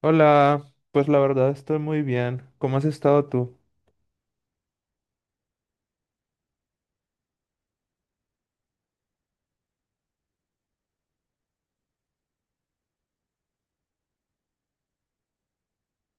Hola, pues la verdad estoy muy bien. ¿Cómo has estado tú?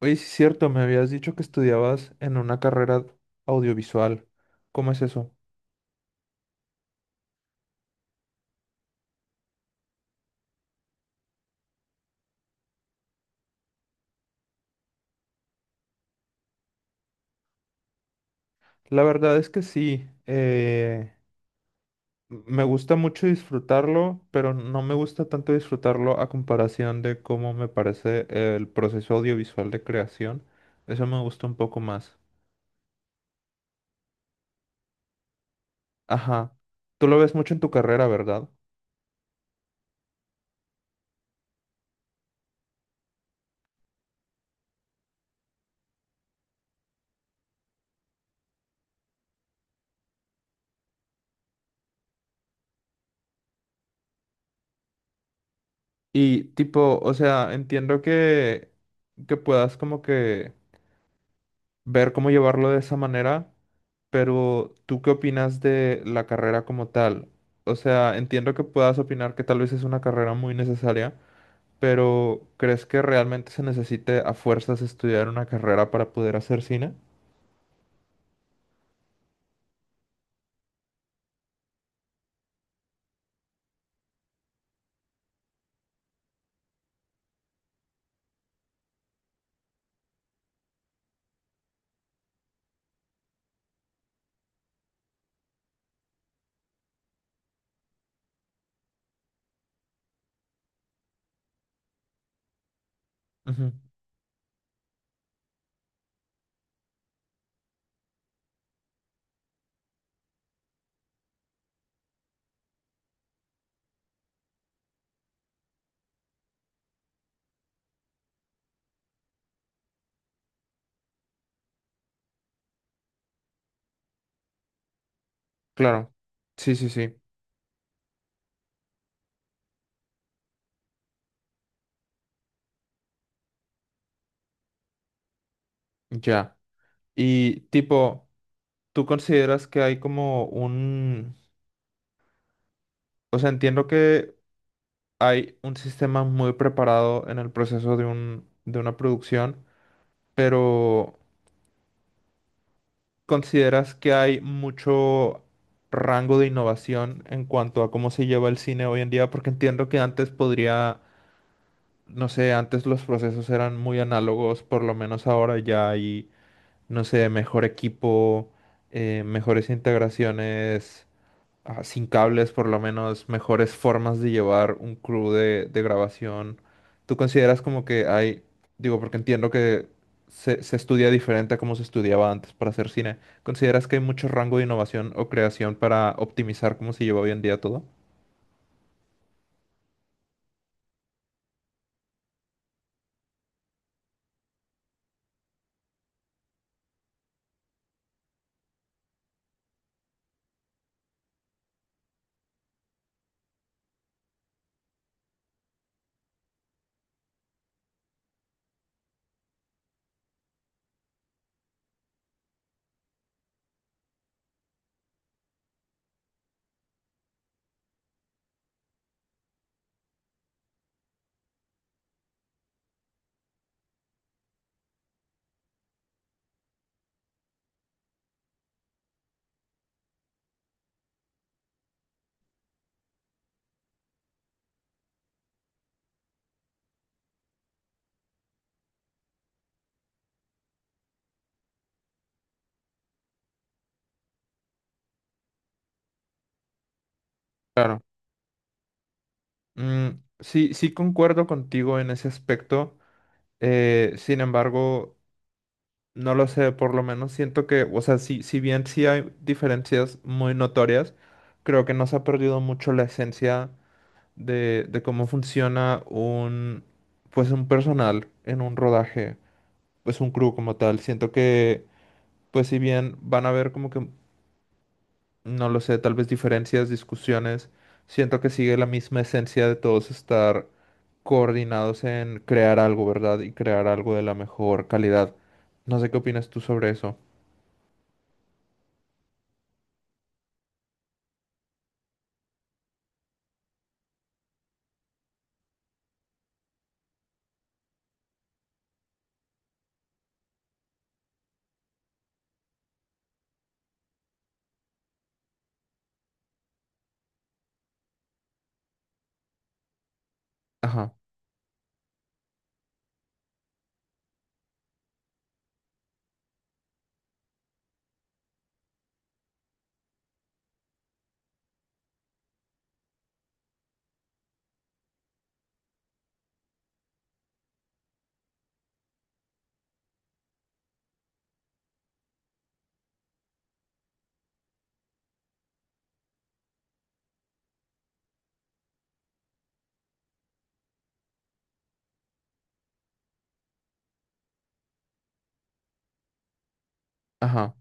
Oye, sí es cierto, me habías dicho que estudiabas en una carrera audiovisual. ¿Cómo es eso? La verdad es que sí, me gusta mucho disfrutarlo, pero no me gusta tanto disfrutarlo a comparación de cómo me parece el proceso audiovisual de creación. Eso me gusta un poco más. Ajá. Tú lo ves mucho en tu carrera, ¿verdad? Y tipo, o sea, entiendo que puedas como que ver cómo llevarlo de esa manera, pero ¿tú qué opinas de la carrera como tal? O sea, entiendo que puedas opinar que tal vez es una carrera muy necesaria, pero ¿crees que realmente se necesite a fuerzas estudiar una carrera para poder hacer cine? Ujú. Claro. Sí, sí, sí. Ya. Y tipo, ¿tú consideras que hay como un... O sea, entiendo que hay un sistema muy preparado en el proceso de de una producción, pero... ¿Consideras que hay mucho rango de innovación en cuanto a cómo se lleva el cine hoy en día? Porque entiendo que antes podría, no sé, antes los procesos eran muy análogos, por lo menos ahora ya hay, no sé, mejor equipo, mejores integraciones ah, sin cables, por lo menos mejores formas de llevar un crew de grabación. ¿Tú consideras como que hay, digo, porque entiendo que se estudia diferente a como se estudiaba antes para hacer cine, ¿consideras que hay mucho rango de innovación o creación para optimizar cómo se lleva hoy en día todo? Claro. Mm, sí, sí concuerdo contigo en ese aspecto. Sin embargo, no lo sé, por lo menos siento que, o sea, si, si bien sí hay diferencias muy notorias, creo que no se ha perdido mucho la esencia de cómo funciona un, pues un personal en un rodaje, pues un crew como tal. Siento que, pues si bien van a haber como que, no lo sé, tal vez diferencias, discusiones, siento que sigue la misma esencia de todos estar coordinados en crear algo, ¿verdad? Y crear algo de la mejor calidad. No sé qué opinas tú sobre eso. Ajá, ajá,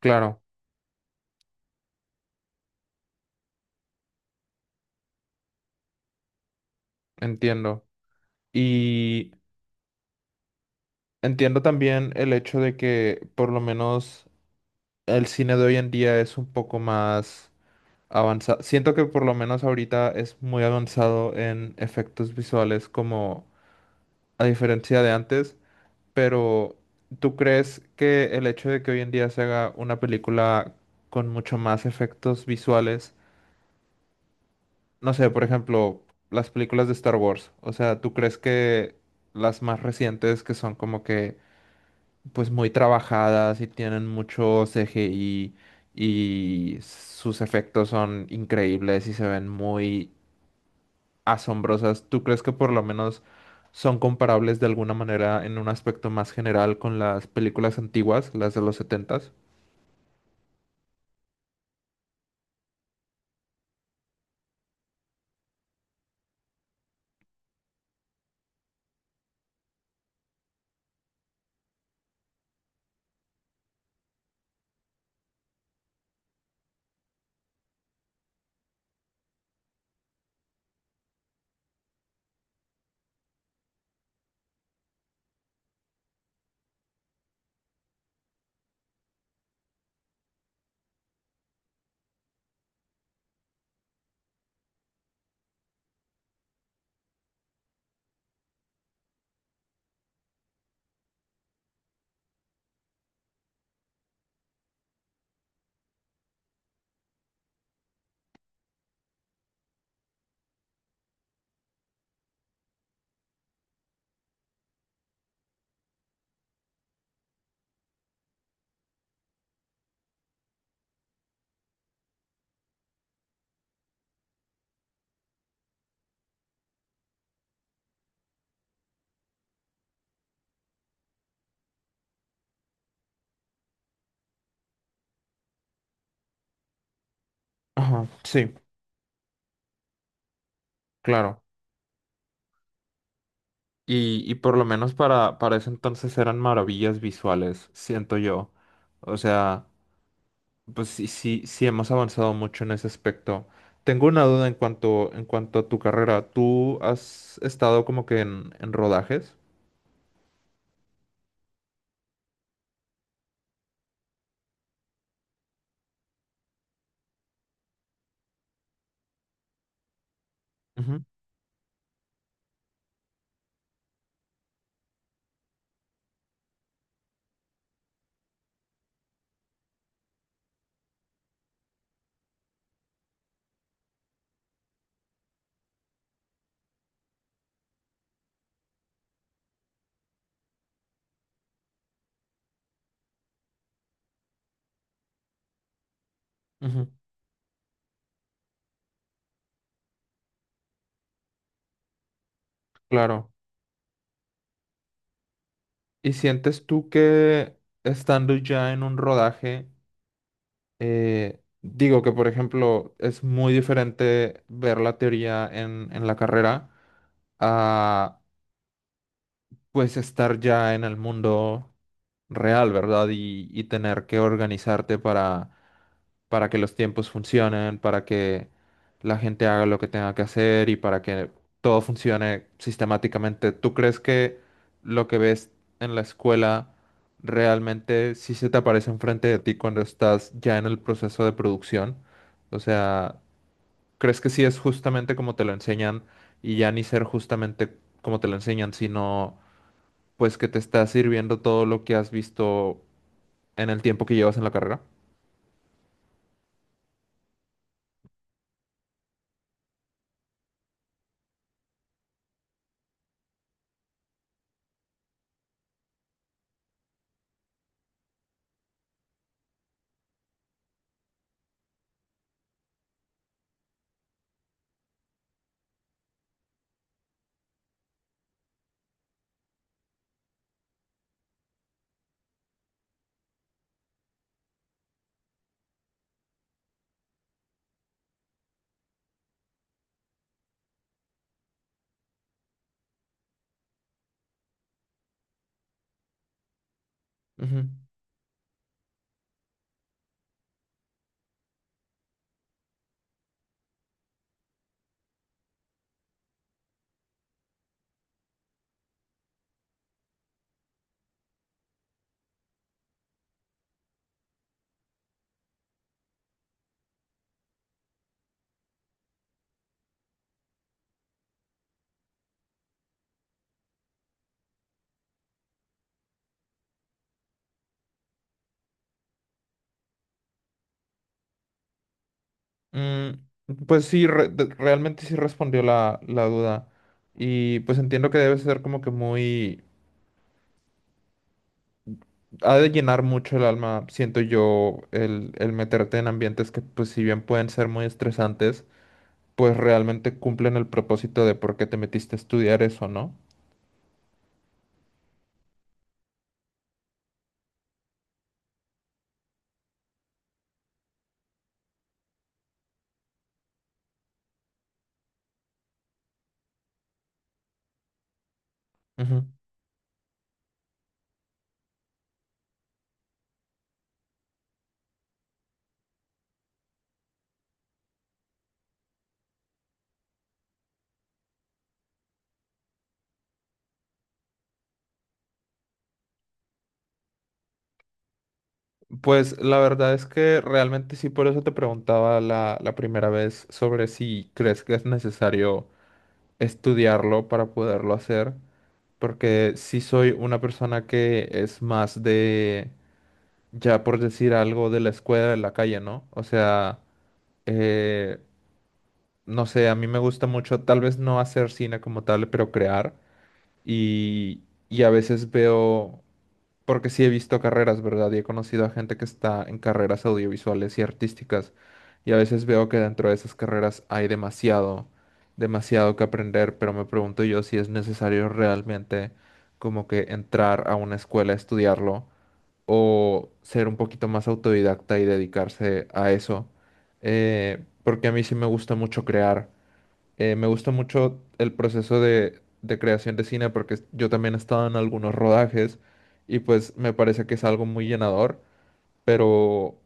claro, entiendo. Y entiendo también el hecho de que por lo menos el cine de hoy en día es un poco más avanzado. Siento que por lo menos ahorita es muy avanzado en efectos visuales como a diferencia de antes, pero ¿tú crees que el hecho de que hoy en día se haga una película con mucho más efectos visuales? No sé, por ejemplo, las películas de Star Wars. O sea, ¿tú crees que las más recientes que son como que pues muy trabajadas y tienen mucho CGI y sus efectos son increíbles y se ven muy asombrosas, ¿tú crees que por lo menos son comparables de alguna manera en un aspecto más general con las películas antiguas, las de los setentas? Ajá, sí, claro. Y por lo menos para ese entonces eran maravillas visuales, siento yo. O sea, pues sí, sí, sí hemos avanzado mucho en ese aspecto. Tengo una duda en cuanto a tu carrera. ¿Tú has estado como que en rodajes? Ujú, ujú, claro. ¿Y sientes tú que estando ya en un rodaje, digo que por ejemplo es muy diferente ver la teoría en la carrera? A pues estar ya en el mundo real, ¿verdad? Y tener que organizarte para que los tiempos funcionen, para que la gente haga lo que tenga que hacer y para que todo funcione sistemáticamente. ¿Tú crees que lo que ves en la escuela realmente sí se te aparece enfrente de ti cuando estás ya en el proceso de producción? O sea, ¿crees que sí es justamente como te lo enseñan y ya ni ser justamente como te lo enseñan, sino pues que te está sirviendo todo lo que has visto en el tiempo que llevas en la carrera. Ujú. Mm, pues sí, realmente sí respondió la duda. Y pues entiendo que debe ser como que muy... Ha de llenar mucho el alma, siento yo, el meterte en ambientes que pues si bien pueden ser muy estresantes, pues realmente cumplen el propósito de por qué te metiste a estudiar eso, ¿no? Pues la verdad es que realmente sí, por eso te preguntaba la primera vez sobre si crees que es necesario estudiarlo para poderlo hacer, porque sí soy una persona que es más ya por decir algo, de la escuela de la calle, ¿no? O sea, eh, no sé, a mí me gusta mucho, tal vez no hacer cine como tal, pero crear, y, y a veces veo porque sí he visto carreras, ¿verdad? Y he conocido a gente que está en carreras audiovisuales y artísticas. Y a veces veo que dentro de esas carreras hay demasiado, demasiado que aprender, pero me pregunto yo si es necesario realmente como que entrar a una escuela a estudiarlo o ser un poquito más autodidacta y dedicarse a eso. Porque a mí sí me gusta mucho crear. Me gusta mucho el proceso de creación de cine porque yo también he estado en algunos rodajes y pues me parece que es algo muy llenador, pero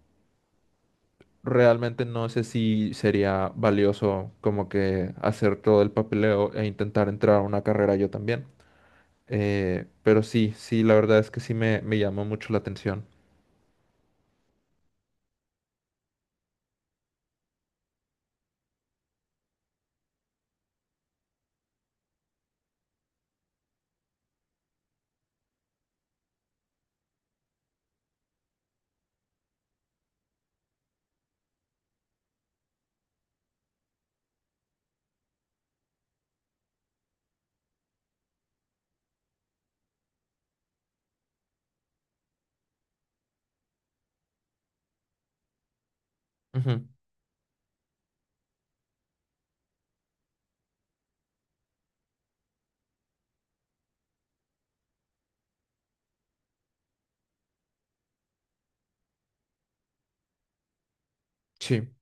realmente no sé si sería valioso como que hacer todo el papeleo e intentar entrar a una carrera yo también. Pero sí, sí, la verdad es que me llamó mucho la atención. Ujú. Sí.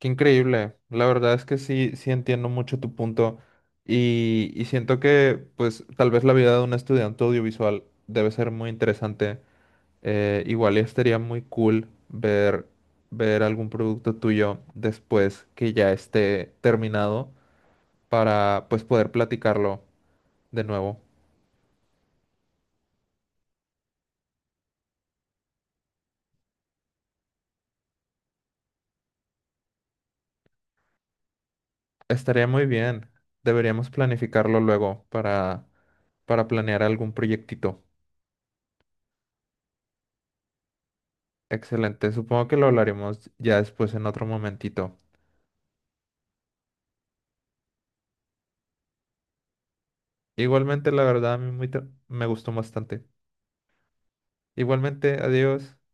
Qué increíble. La verdad es que sí, sí entiendo mucho tu punto y siento que pues tal vez la vida de un estudiante audiovisual debe ser muy interesante. Igual y estaría muy cool ver, ver algún producto tuyo después que ya esté terminado para pues poder platicarlo de nuevo. Estaría muy bien. Deberíamos planificarlo luego para planear algún proyectito. Excelente. Supongo que lo hablaremos ya después en otro momentito. Igualmente, la verdad, a mí me gustó bastante. Igualmente, adiós.